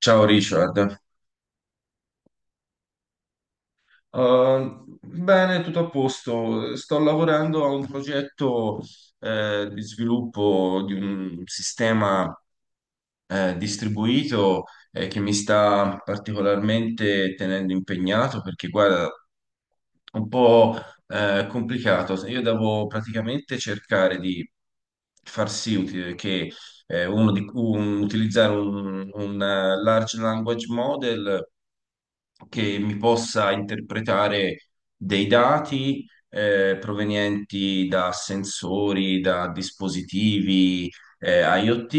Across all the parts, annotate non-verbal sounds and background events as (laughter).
Ciao Richard. Bene, tutto a posto. Sto lavorando a un progetto di sviluppo di un sistema distribuito che mi sta particolarmente tenendo impegnato perché, guarda, è un po' complicato. Io devo praticamente cercare di far sì uti- che uno di, un- utilizzare un large language model che mi possa interpretare dei dati provenienti da sensori, da dispositivi IoT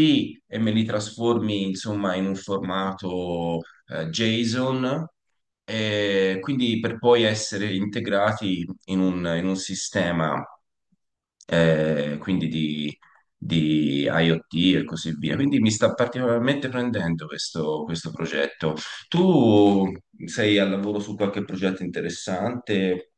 e me li trasformi insomma in un formato JSON. E quindi per poi essere integrati in un sistema eh, quindi di IoT e così via. Quindi mi sta particolarmente prendendo questo progetto. Tu sei al lavoro su qualche progetto interessante?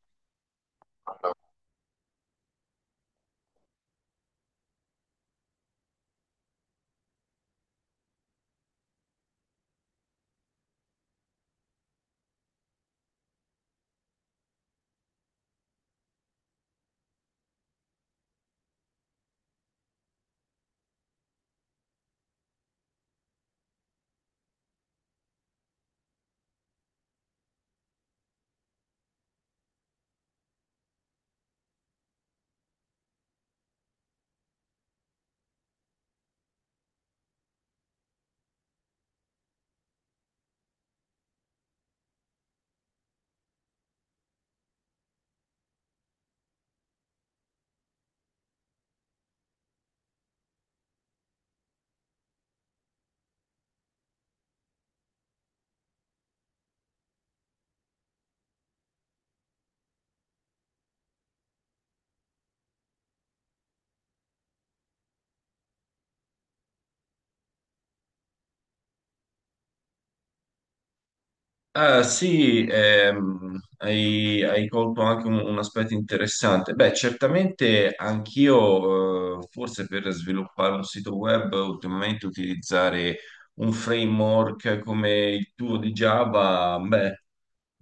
Ah, sì, hai, hai colto anche un aspetto interessante. Beh, certamente anch'io, forse per sviluppare un sito web, ultimamente utilizzare un framework come il tuo di Java, beh,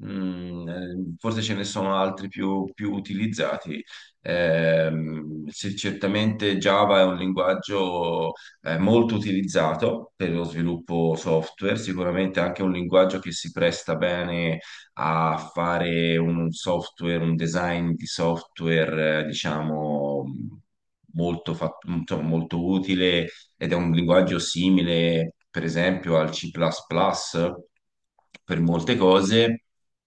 mm, forse ce ne sono altri più, più utilizzati. Sì, certamente Java è un linguaggio molto utilizzato per lo sviluppo software, sicuramente anche un linguaggio che si presta bene a fare un software, un design di software, diciamo, insomma, molto utile ed è un linguaggio simile, per esempio, al C++ plus plus per molte cose.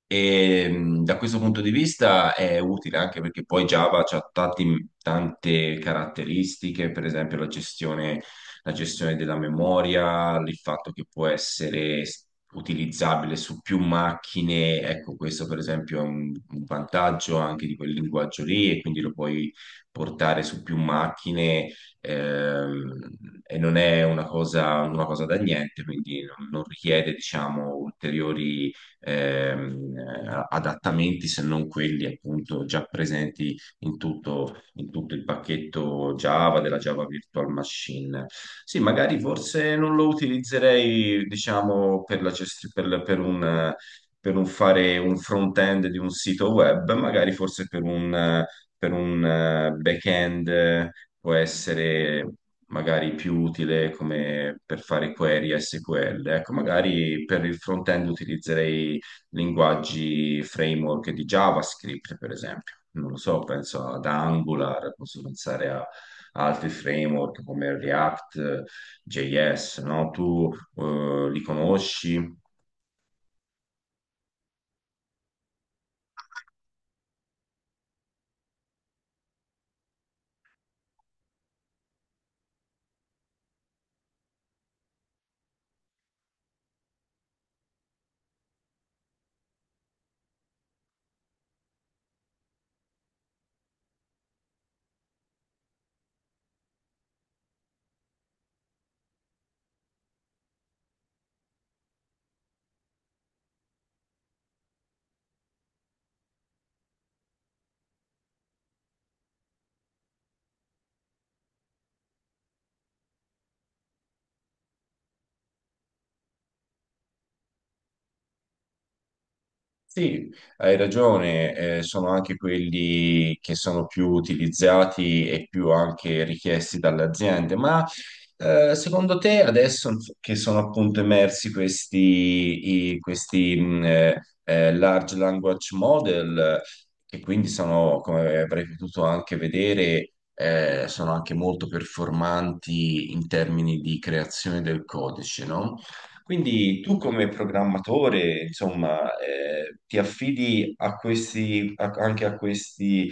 E da questo punto di vista è utile anche perché poi Java ha tante caratteristiche, per esempio la gestione della memoria, il fatto che può essere utilizzabile su più macchine. Ecco, questo per esempio è un vantaggio anche di quel linguaggio lì e quindi lo puoi portare su più macchine, ehm, e non è una cosa da niente, quindi non richiede, diciamo, ulteriori adattamenti se non quelli appunto già presenti in tutto il pacchetto Java della Java Virtual Machine. Sì, magari forse non lo utilizzerei, diciamo, per un... per un fare un front-end di un sito web, magari forse per un back-end può essere magari più utile come per fare query SQL. Ecco, magari per il front-end utilizzerei linguaggi framework di JavaScript, per esempio. Non lo so, penso ad Angular, posso pensare a altri framework come React, JS, no? Tu li conosci? Sì, hai ragione, sono anche quelli che sono più utilizzati e più anche richiesti dalle aziende, ma secondo te adesso che sono appunto emersi questi, large language model, che quindi sono, come avrei potuto anche vedere, sono anche molto performanti in termini di creazione del codice, no? Quindi tu come programmatore, insomma, ti affidi a anche a questi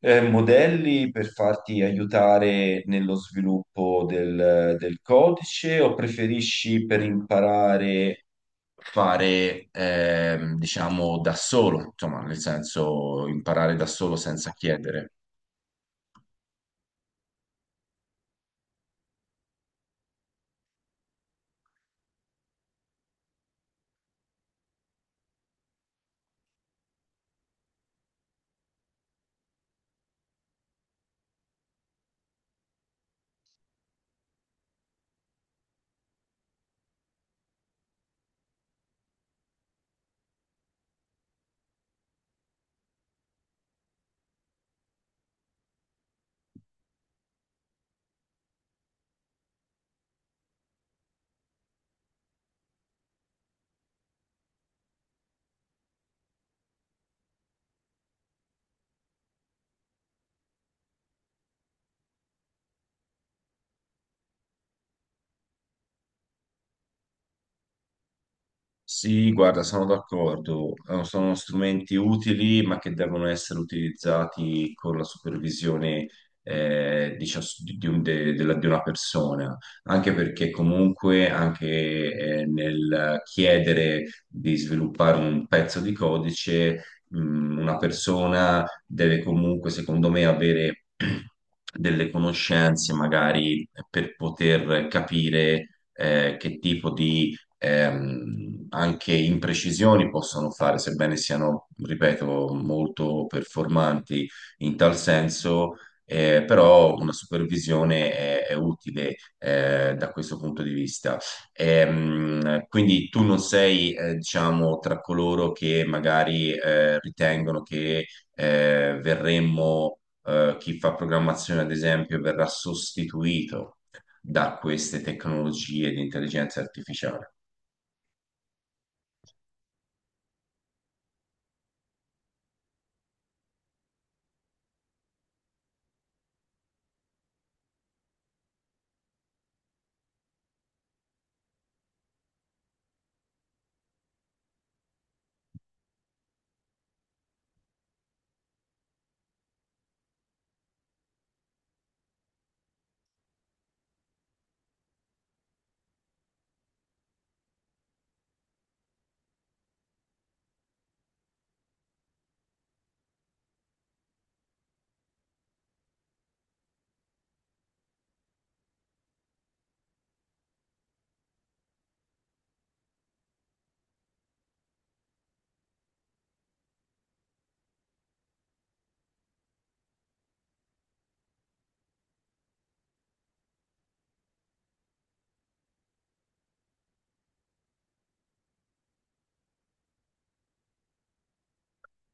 modelli per farti aiutare nello sviluppo del codice o preferisci per imparare fare, diciamo, da solo, insomma, nel senso imparare da solo senza chiedere? Sì, guarda, sono d'accordo. Sono strumenti utili, ma che devono essere utilizzati con la supervisione di, di una persona, anche perché comunque anche nel chiedere di sviluppare un pezzo di codice, una persona deve comunque, secondo me, avere (clears throat) delle conoscenze magari per poter capire che tipo di anche imprecisioni possono fare, sebbene siano, ripeto, molto performanti in tal senso, però una supervisione è utile da questo punto di vista. Quindi tu non sei, diciamo, tra coloro che magari ritengono che eh, verremmo, chi fa programmazione, ad esempio, verrà sostituito da queste tecnologie di intelligenza artificiale.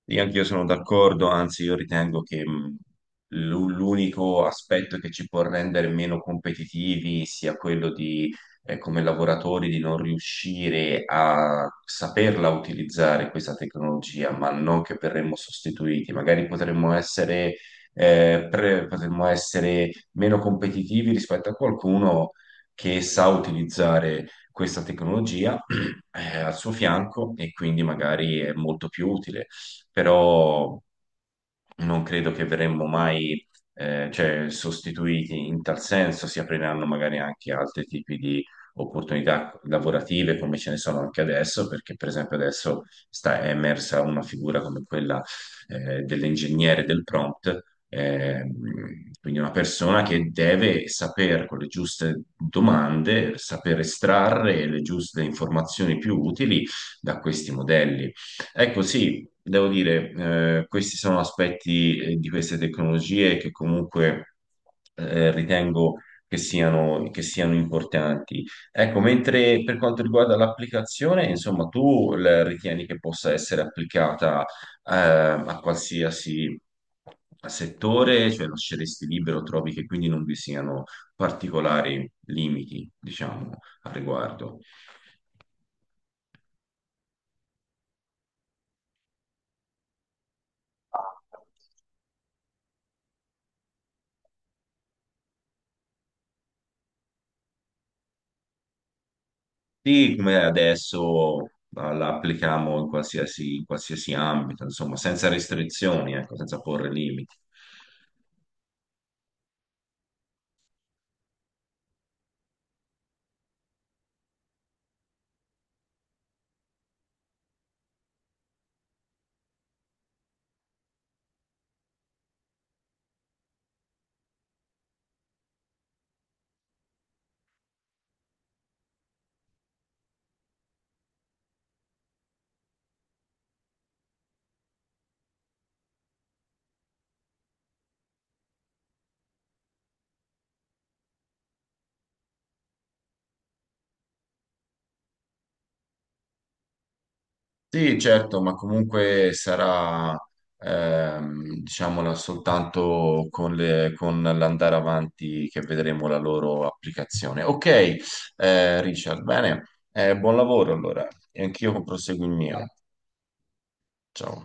Sì, anch'io sono d'accordo, anzi io ritengo che l'unico aspetto che ci può rendere meno competitivi sia quello di, come lavoratori, di non riuscire a saperla utilizzare questa tecnologia, ma non che verremmo sostituiti. Magari potremmo essere, potremmo essere meno competitivi rispetto a qualcuno che sa utilizzare questa tecnologia, (clears throat) al suo fianco e quindi magari è molto più utile, però non credo che verremmo mai cioè, sostituiti in tal senso, si apriranno magari anche altri tipi di opportunità lavorative come ce ne sono anche adesso, perché per esempio adesso sta è emersa una figura come quella dell'ingegnere del prompt, ehm, quindi una persona che deve saper con le giuste domande, saper estrarre le giuste informazioni più utili da questi modelli. Ecco, sì, devo dire, questi sono aspetti di queste tecnologie che comunque ritengo che siano importanti. Ecco, mentre per quanto riguarda l'applicazione, insomma, tu la ritieni che possa essere applicata a qualsiasi settore, cioè lasceresti libero, trovi che quindi non vi siano particolari limiti, diciamo, al riguardo. Sì, come adesso ma la applichiamo in qualsiasi ambito, insomma, senza restrizioni, ecco, senza porre limiti. Sì, certo, ma comunque sarà, diciamola, soltanto con con l'andare avanti che vedremo la loro applicazione. Ok, Richard, bene, eh, buon lavoro allora, e anch'io proseguo il mio. Ciao.